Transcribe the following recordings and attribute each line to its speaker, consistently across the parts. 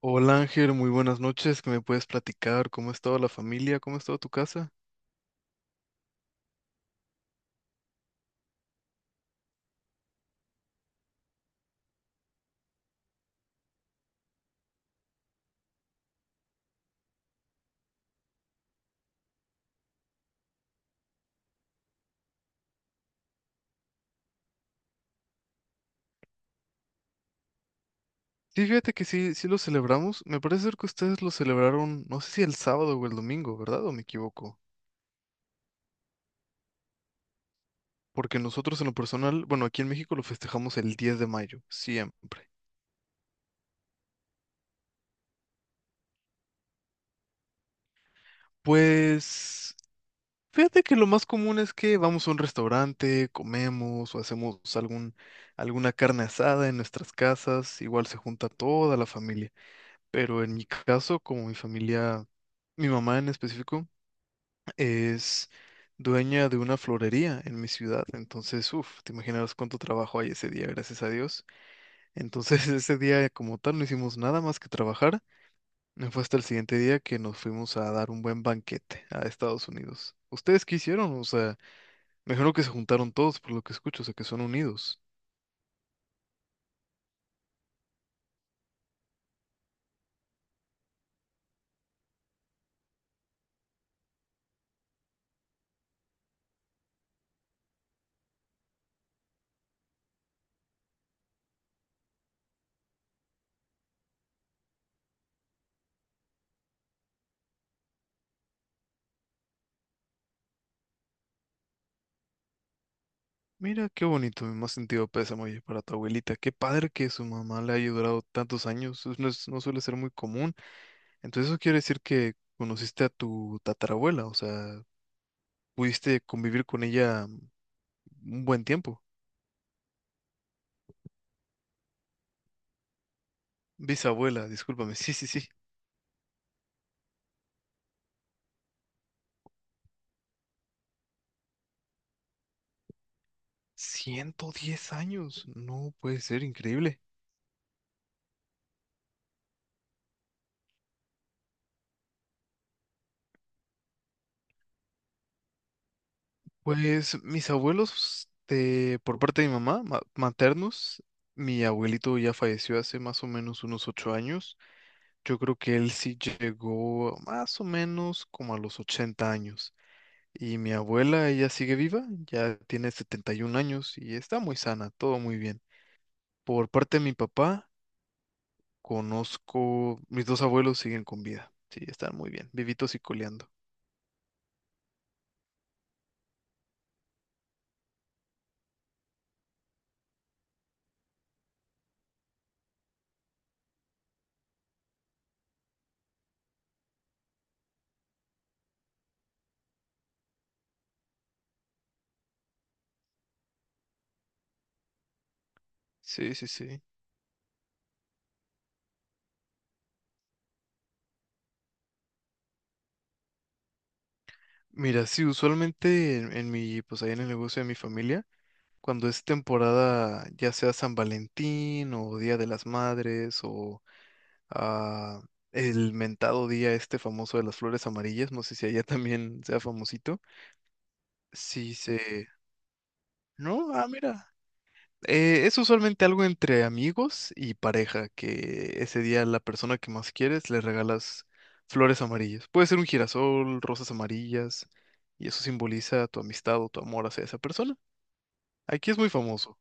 Speaker 1: Hola Ángel, muy buenas noches. ¿Qué me puedes platicar? ¿Cómo ha estado la familia? ¿Cómo ha estado tu casa? Sí, fíjate que sí, sí lo celebramos. Me parece ser que ustedes lo celebraron, no sé si el sábado o el domingo, ¿verdad? ¿O me equivoco? Porque nosotros en lo personal, bueno, aquí en México lo festejamos el 10 de mayo, siempre. Pues fíjate que lo más común es que vamos a un restaurante, comemos o hacemos alguna carne asada en nuestras casas. Igual se junta toda la familia. Pero en mi caso, como mi familia, mi mamá en específico, es dueña de una florería en mi ciudad. Entonces, uff, te imaginarás cuánto trabajo hay ese día, gracias a Dios. Entonces, ese día como tal no hicimos nada más que trabajar. No. Fue hasta el siguiente día que nos fuimos a dar un buen banquete a Estados Unidos. ¿Ustedes qué hicieron? O sea, me imagino que se juntaron todos por lo que escucho, o sea, que son unidos. Mira qué bonito, mi más sentido pésame, oye, para tu abuelita. Qué padre que su mamá le haya durado tantos años. Eso no, no suele ser muy común. Entonces eso quiere decir que conociste a tu tatarabuela, o sea, pudiste convivir con ella un buen tiempo. Bisabuela, discúlpame. Sí, sí, sí. 110 años. No puede ser, increíble. Pues mis abuelos, de, por parte de mi mamá, maternos, mi abuelito ya falleció hace más o menos unos 8 años. Yo creo que él sí llegó más o menos como a los 80 años. Y mi abuela, ella sigue viva, ya tiene 71 años y está muy sana, todo muy bien. Por parte de mi papá, conozco, mis dos abuelos siguen con vida. Sí, están muy bien, vivitos y coleando. Sí, sí, sí. Mira, sí, usualmente en mi, pues ahí en el negocio de mi familia, cuando es temporada, ya sea San Valentín o Día de las Madres o ah, el mentado día este famoso de las flores amarillas, no sé si allá también sea famosito. Sí, se... No, mira. Es usualmente algo entre amigos y pareja, que ese día a la persona que más quieres le regalas flores amarillas. Puede ser un girasol, rosas amarillas, y eso simboliza tu amistad o tu amor hacia esa persona. Aquí es muy famoso.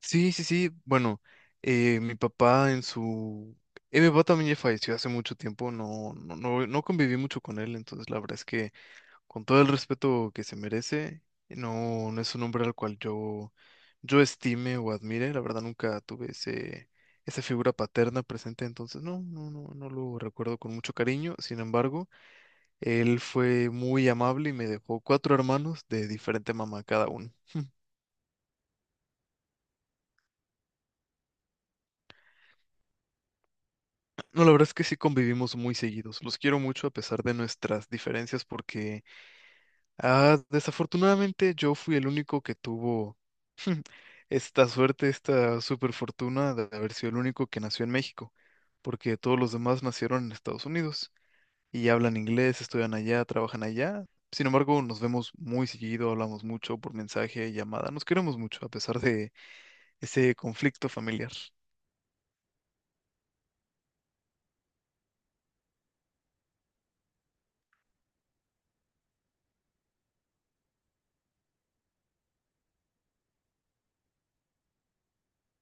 Speaker 1: Sí, sí, sí. Bueno, eh, mi papá en su... mi papá también ya falleció hace mucho tiempo, no, no, no, no conviví mucho con él, entonces la verdad es que con todo el respeto que se merece, no, no es un hombre al cual yo estime o admire, la verdad nunca tuve esa figura paterna presente, entonces no, no, no, no lo recuerdo con mucho cariño, sin embargo, él fue muy amable y me dejó cuatro hermanos de diferente mamá cada uno. No, la verdad es que sí convivimos muy seguidos. Los quiero mucho a pesar de nuestras diferencias porque desafortunadamente yo fui el único que tuvo esta suerte, esta super fortuna de haber sido el único que nació en México, porque todos los demás nacieron en Estados Unidos y hablan inglés, estudian allá, trabajan allá. Sin embargo, nos vemos muy seguido, hablamos mucho por mensaje, llamada. Nos queremos mucho a pesar de ese conflicto familiar.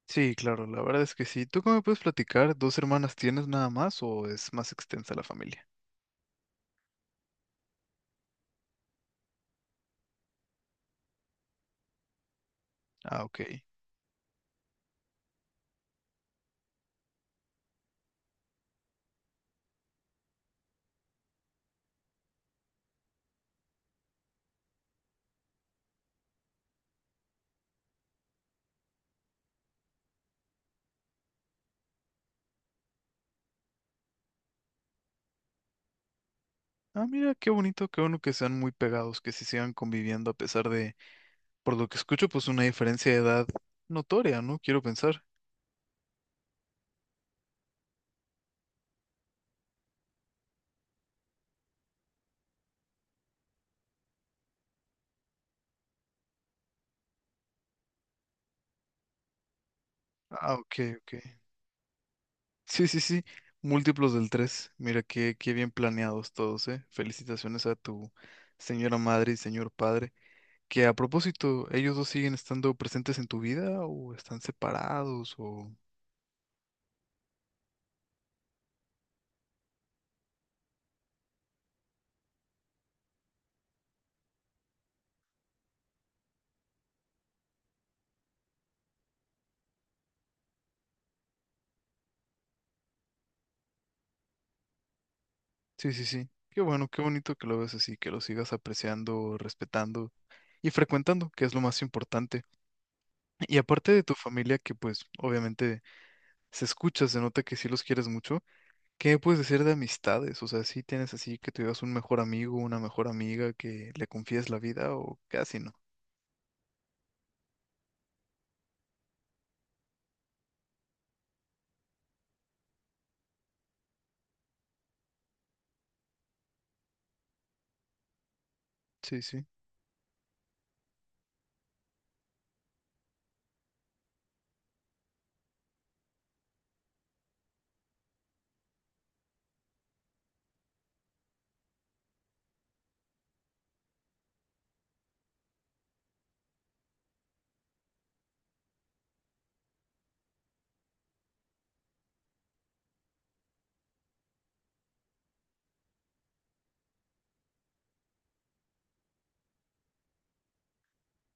Speaker 1: Sí, claro, la verdad es que sí. ¿Tú cómo me puedes platicar? ¿Dos hermanas tienes nada más o es más extensa la familia? Ah, ok. Ah, mira, qué bonito, qué bueno que sean muy pegados, que se sigan conviviendo a pesar de, por lo que escucho, pues una diferencia de edad notoria, ¿no? Quiero pensar. Ah, ok, ok. Sí, sí, sí. Múltiplos del 3. Mira, qué bien planeados todos, ¿eh? Felicitaciones a tu señora madre y señor padre. Que a propósito, ¿ellos dos siguen estando presentes en tu vida o están separados o? Sí, sí, sí. Qué bueno, qué bonito que lo ves así, que lo sigas apreciando, respetando y frecuentando, que es lo más importante. Y aparte de tu familia, que pues obviamente se escucha, se nota que sí los quieres mucho, ¿qué me puedes decir de amistades? O sea, ¿si tienes así que tuvieras un mejor amigo, una mejor amiga que le confíes la vida o casi no? Sí, sí.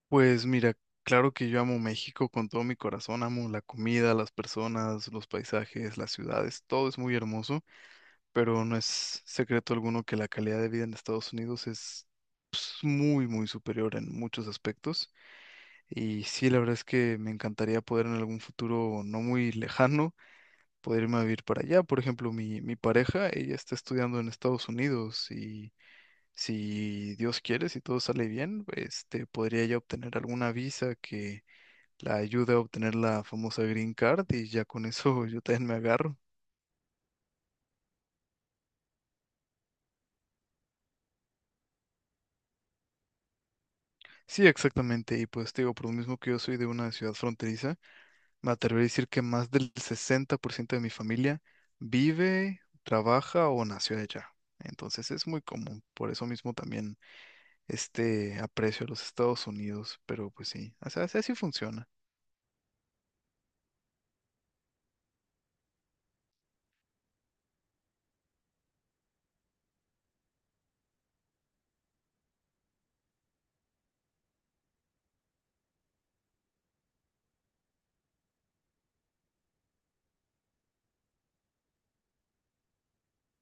Speaker 1: Pues mira, claro que yo amo México con todo mi corazón, amo la comida, las personas, los paisajes, las ciudades, todo es muy hermoso. Pero no es secreto alguno que la calidad de vida en Estados Unidos es, pues, muy, muy superior en muchos aspectos. Y sí, la verdad es que me encantaría poder en algún futuro no muy lejano poder irme a vivir para allá. Por ejemplo, mi pareja, ella está estudiando en Estados Unidos y si Dios quiere, si todo sale bien, podría ella obtener alguna visa que la ayude a obtener la famosa Green Card y ya con eso yo también me agarro. Sí, exactamente. Y pues te digo, por lo mismo que yo soy de una ciudad fronteriza, me atrevería a decir que más del 60% de mi familia vive, trabaja o nació allá. Entonces es muy común. Por eso mismo también este aprecio a los Estados Unidos. Pero pues sí, o sea, así así funciona.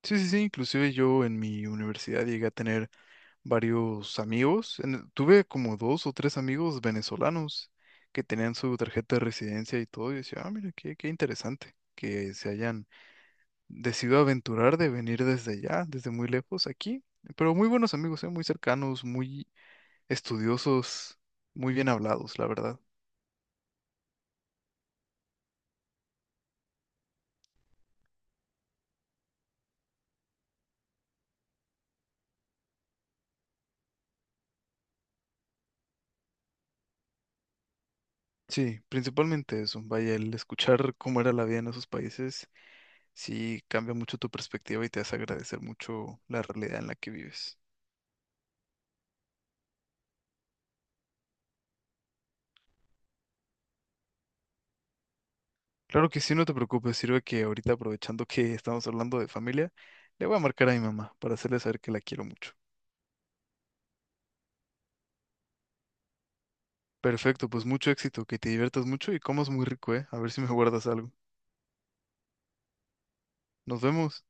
Speaker 1: Sí, sí, sí. Inclusive yo en mi universidad llegué a tener varios amigos. Tuve como dos o tres amigos venezolanos que tenían su tarjeta de residencia y todo. Y decía, ah, mira, qué interesante que se hayan decido aventurar de venir desde allá, desde muy lejos, aquí. Pero muy buenos amigos, ¿eh? Muy cercanos, muy estudiosos, muy bien hablados, la verdad. Sí, principalmente eso. Vaya, el escuchar cómo era la vida en esos países, sí cambia mucho tu perspectiva y te hace agradecer mucho la realidad en la que vives. Claro que sí, no te preocupes, sirve que ahorita aprovechando que estamos hablando de familia, le voy a marcar a mi mamá para hacerle saber que la quiero mucho. Perfecto, pues mucho éxito, que te diviertas mucho y comas muy rico, ¿eh? A ver si me guardas algo. Nos vemos.